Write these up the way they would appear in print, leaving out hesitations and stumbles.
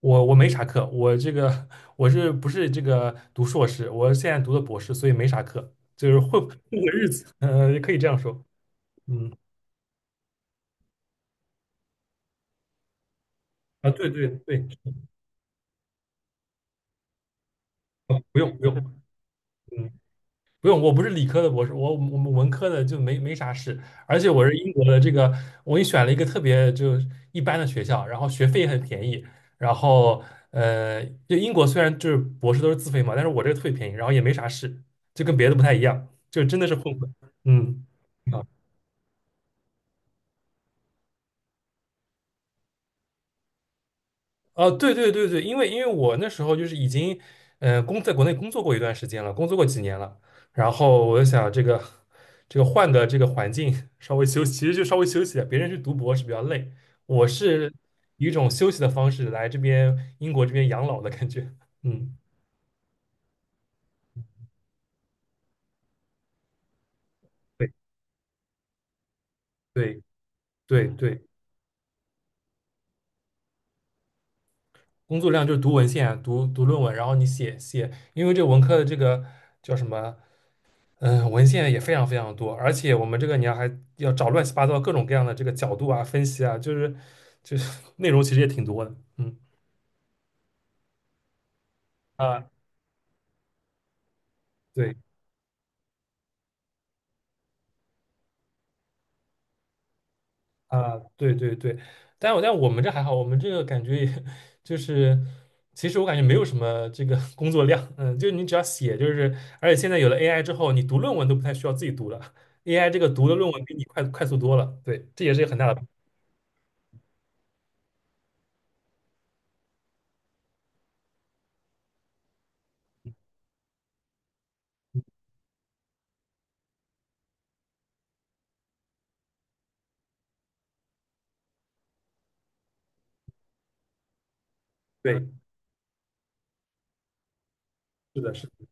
我没啥课，我这个我是不是这个读硕士？我现在读的博士，所以没啥课，就是混个日子，也可以这样说。嗯，啊，对对对，不用不用，嗯，不用，我不是理科的博士，我们文科的就没啥事，而且我是英国的这个，我也选了一个特别就一般的学校，然后学费也很便宜，然后就英国虽然就是博士都是自费嘛，但是我这个特别便宜，然后也没啥事，就跟别的不太一样，就真的是混混，嗯。哦，对对对对，因为我那时候就是已经，国内工作过一段时间了，工作过几年了，然后我就想这个换的这个环境稍微休息，其实就稍微休息啊，别人去读博是比较累，我是以一种休息的方式来这边英国这边养老的感觉。嗯，对对对对，工作量就是读文献啊、读论文，然后你写写，因为这文科的这个叫什么？嗯，文献也非常非常多，而且我们这个你要还要找乱七八糟各种各样的这个角度啊、分析啊，就是 内容其实也挺多的。嗯啊，对啊，对对对，但我们这还好，我们这个感觉也 就是其实我感觉没有什么这个 工作量，嗯，就是你只要写，就是而且现在有了 AI 之后，你读论文都不太需要自己读了，AI 这个读的论文比你快速多了。对，这也是一个很大的。对，是的，是的，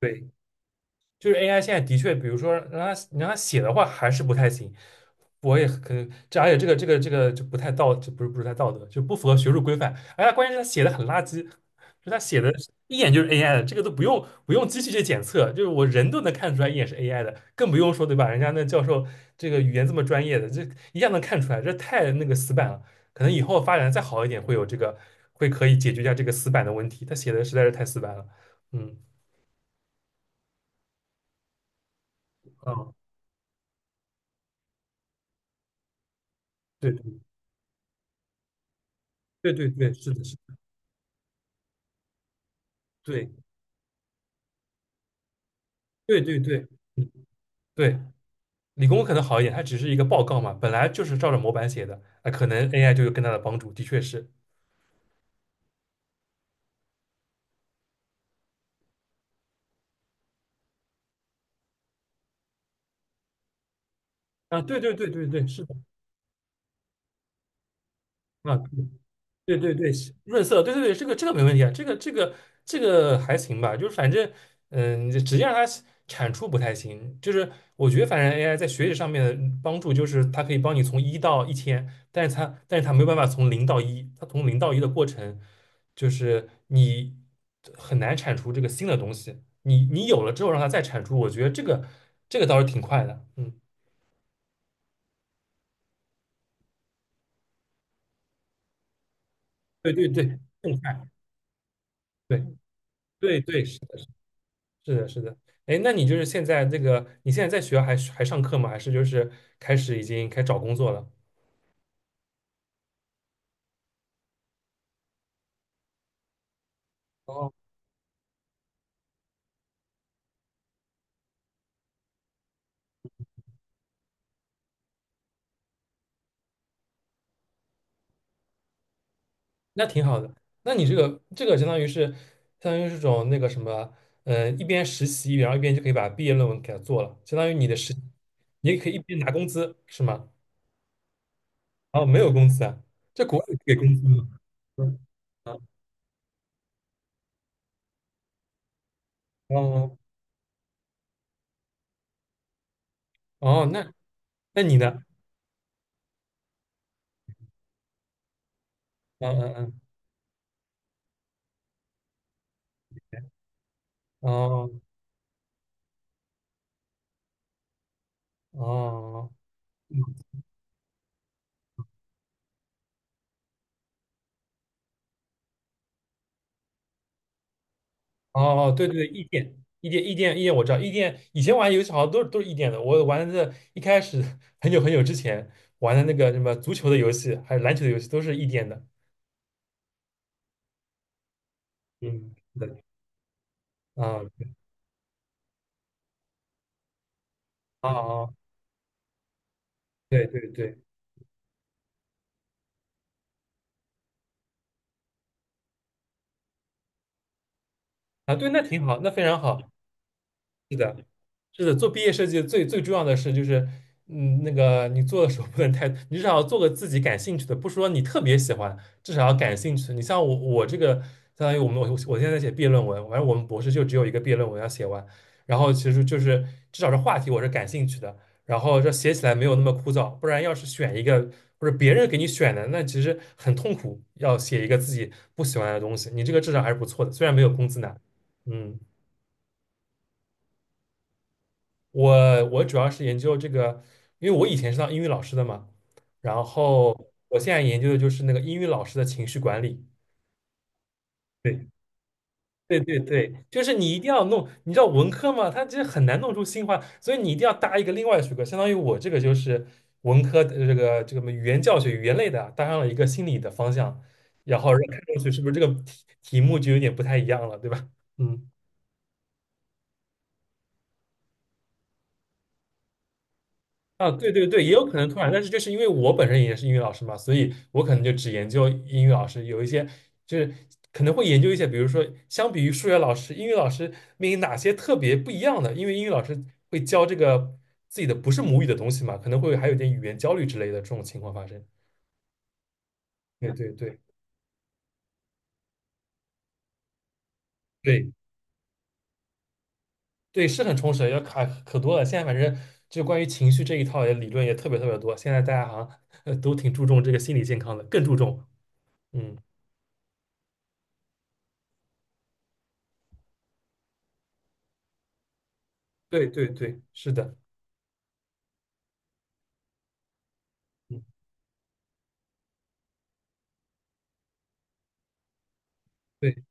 对。就是 AI 现在的确，比如说你让他写的话还是不太行，我也可能这而且这个就不太道，就不是太道德，就不符合学术规范。而且关键是他写的很垃圾，就他写的一眼就是 AI 的，这个都不用机器去检测，就是我人都能看出来一眼是 AI 的，更不用说对吧？人家那教授这个语言这么专业的，这一下能看出来，这太那个死板了。可能以后发展再好一点，会有这个可以解决一下这个死板的问题。他写的实在是太死板了，嗯嗯，对。对对对，是的，是的对对对对，嗯，对，理工可能好一点，它只是一个报告嘛，本来就是照着模板写的，那可能 AI 就有更大的帮助，的确是啊，对对对对对，是的，啊，对对对对，润色，对对对，这个这个没问题啊，这个还行吧，就是反正，嗯、你就直接让它产出不太行，就是我觉得反正 AI 在学习上面的帮助就是它可以帮你从一到一千，但是它没有办法从零到一，它从零到一的过程就是你很难产出这个新的东西，你你有了之后让它再产出，我觉得这个倒是挺快的，嗯，对对对，更快，对对对，是。是的，是的。哎，那你就是现在这个，你现在在学校还上课吗？还是就是开始已经开始找工作了？哦，那挺好的。那你这个相当于是种那个什么，一边实习，然后一边就可以把毕业论文给它做了，相当于你的实，你也可以一边拿工资，是吗？哦，没有工资啊，这国外给工资吗？嗯啊哦哦，那那你呢？嗯嗯嗯，哦哦。哦哦哦，对对对，异电，异电，异电，异电，我知道，异电。以前玩游戏好像都是都是异电的。我玩的一开始很久很久之前玩的那个什么足球的游戏，还有篮球的游戏，都是异电的。嗯，是的，啊啊啊，哦对对对，啊对，那挺好，那非常好。是的，做毕业设计最重要的是就是，嗯，那个你做的时候不能太，你至少要做个自己感兴趣的，不说你特别喜欢，至少要感兴趣的你像我，我这个相当于我们我我现在在写毕业论文，反正我们博士就只有一个毕业论文要写完，然后其实就是至少这话题我是感兴趣的，然后这写起来没有那么枯燥，不然要是选一个或者别人给你选的，那其实很痛苦，要写一个自己不喜欢的东西，你这个至少还是不错的，虽然没有工资拿，嗯。我主要是研究这个，因为我以前是当英语老师的嘛，然后我现在研究的就是那个英语老师的情绪管理。对对对对，就是你一定要弄，你知道文科嘛，它其实很难弄出新花，所以你一定要搭一个另外的学科，相当于我这个就是文科的什么语言教学语言类的，搭上了一个心理的方向，然后让看上去是不是这个题目就有点不太一样了，对吧？嗯。啊，对对对，也有可能突然，但是就是因为我本身也是英语老师嘛，所以我可能就只研究英语老师，有一些就是可能会研究一些，比如说相比于数学老师，英语老师面临哪些特别不一样的，因为英语老师会教这个自己的不是母语的东西嘛，可能会还有点语言焦虑之类的这种情况发生。对对对对对，是很充实的要卡可多了。现在反正就关于情绪这一套也理论也特别特别多，现在大家好像 都挺注重这个心理健康的，更注重。嗯，对对对，是的。嗯对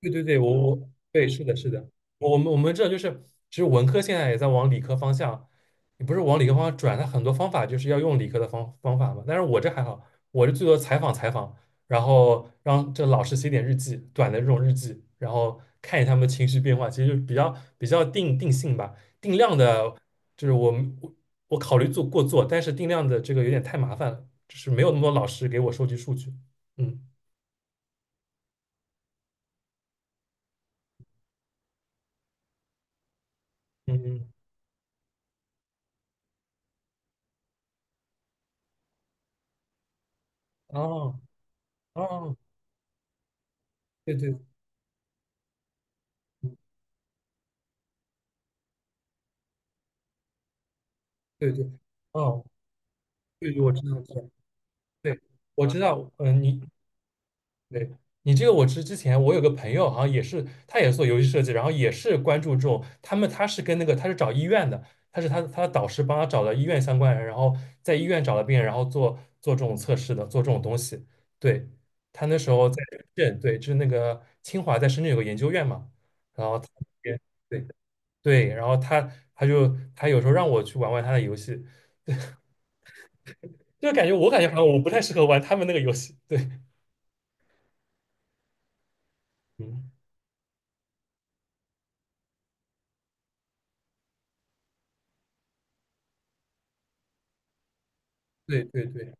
对对对，我我对是的，是的，我们这就是，其实文科现在也在往理科方向，也不是往理科方向转，它很多方法就是要用理科的方法嘛。但是我这还好，我这最多采访采访，然后让这老师写点日记，短的这种日记，然后看一下他们情绪变化，其实就比较定性吧，定量的，就是我们我我考虑做过做，但是定量的这个有点太麻烦了，就是没有那么多老师给我收集数据，嗯嗯嗯，哦哦对对对对，哦，对，我知道，知道，对，我知道，嗯，你对你这个我知，之前我有个朋友好像也是，他也是做游戏设计，然后也是关注这种，他们他是跟那个他是找医院的，他是他他的导师帮他找了医院相关人，然后在医院找了病人，然后做这种测试的，做这种东西。对，他那时候在深圳，对，就是那个清华在深圳有个研究院嘛，然后他对对，然后他有时候让我去玩玩他的游戏。就感觉我感觉好像我不太适合玩他们那个游戏。对，嗯，对对对，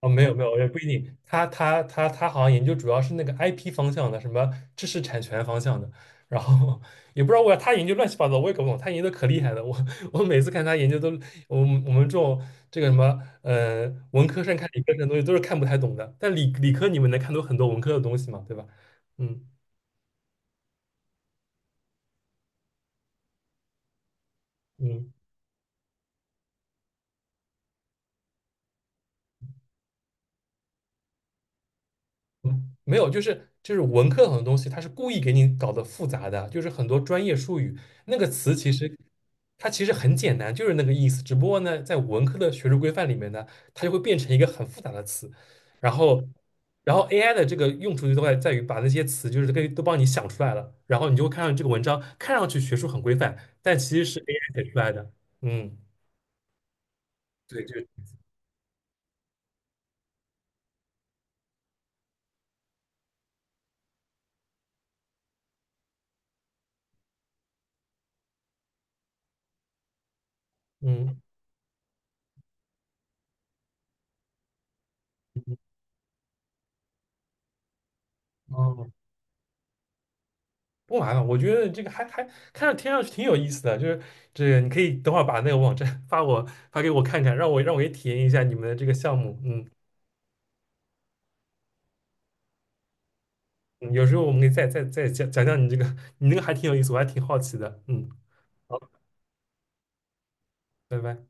哦，没有没有，也不一定。他好像研究主要是那个 IP 方向的，什么知识产权方向的。然后也不知道为啥他研究乱七八糟，我也搞不懂。他研究的可厉害了，我每次看他研究都，我们这种这个什么文科生看理科生的东西都是看不太懂的。但理科你们能看懂很多文科的东西嘛，对吧？嗯嗯。嗯，没有，就是文科很多东西，它是故意给你搞得复杂的，就是很多专业术语，那个词它其实很简单，就是那个意思，只不过呢，在文科的学术规范里面呢，它就会变成一个很复杂的词，然后AI 的这个用处就在于把那些词就是给都帮你想出来了，然后你就会看上这个文章看上去学术很规范，但其实是 AI 写出来的，嗯，对，就是嗯。哦，不麻烦，我觉得这个还听上去挺有意思的，就是这个你可以等会儿把那个网站 发给我看看，让我也体验一下你们的这个项目。嗯，嗯有时候我们可以再再讲讲你这个，你那个还挺有意思，我还挺好奇的。嗯，拜拜。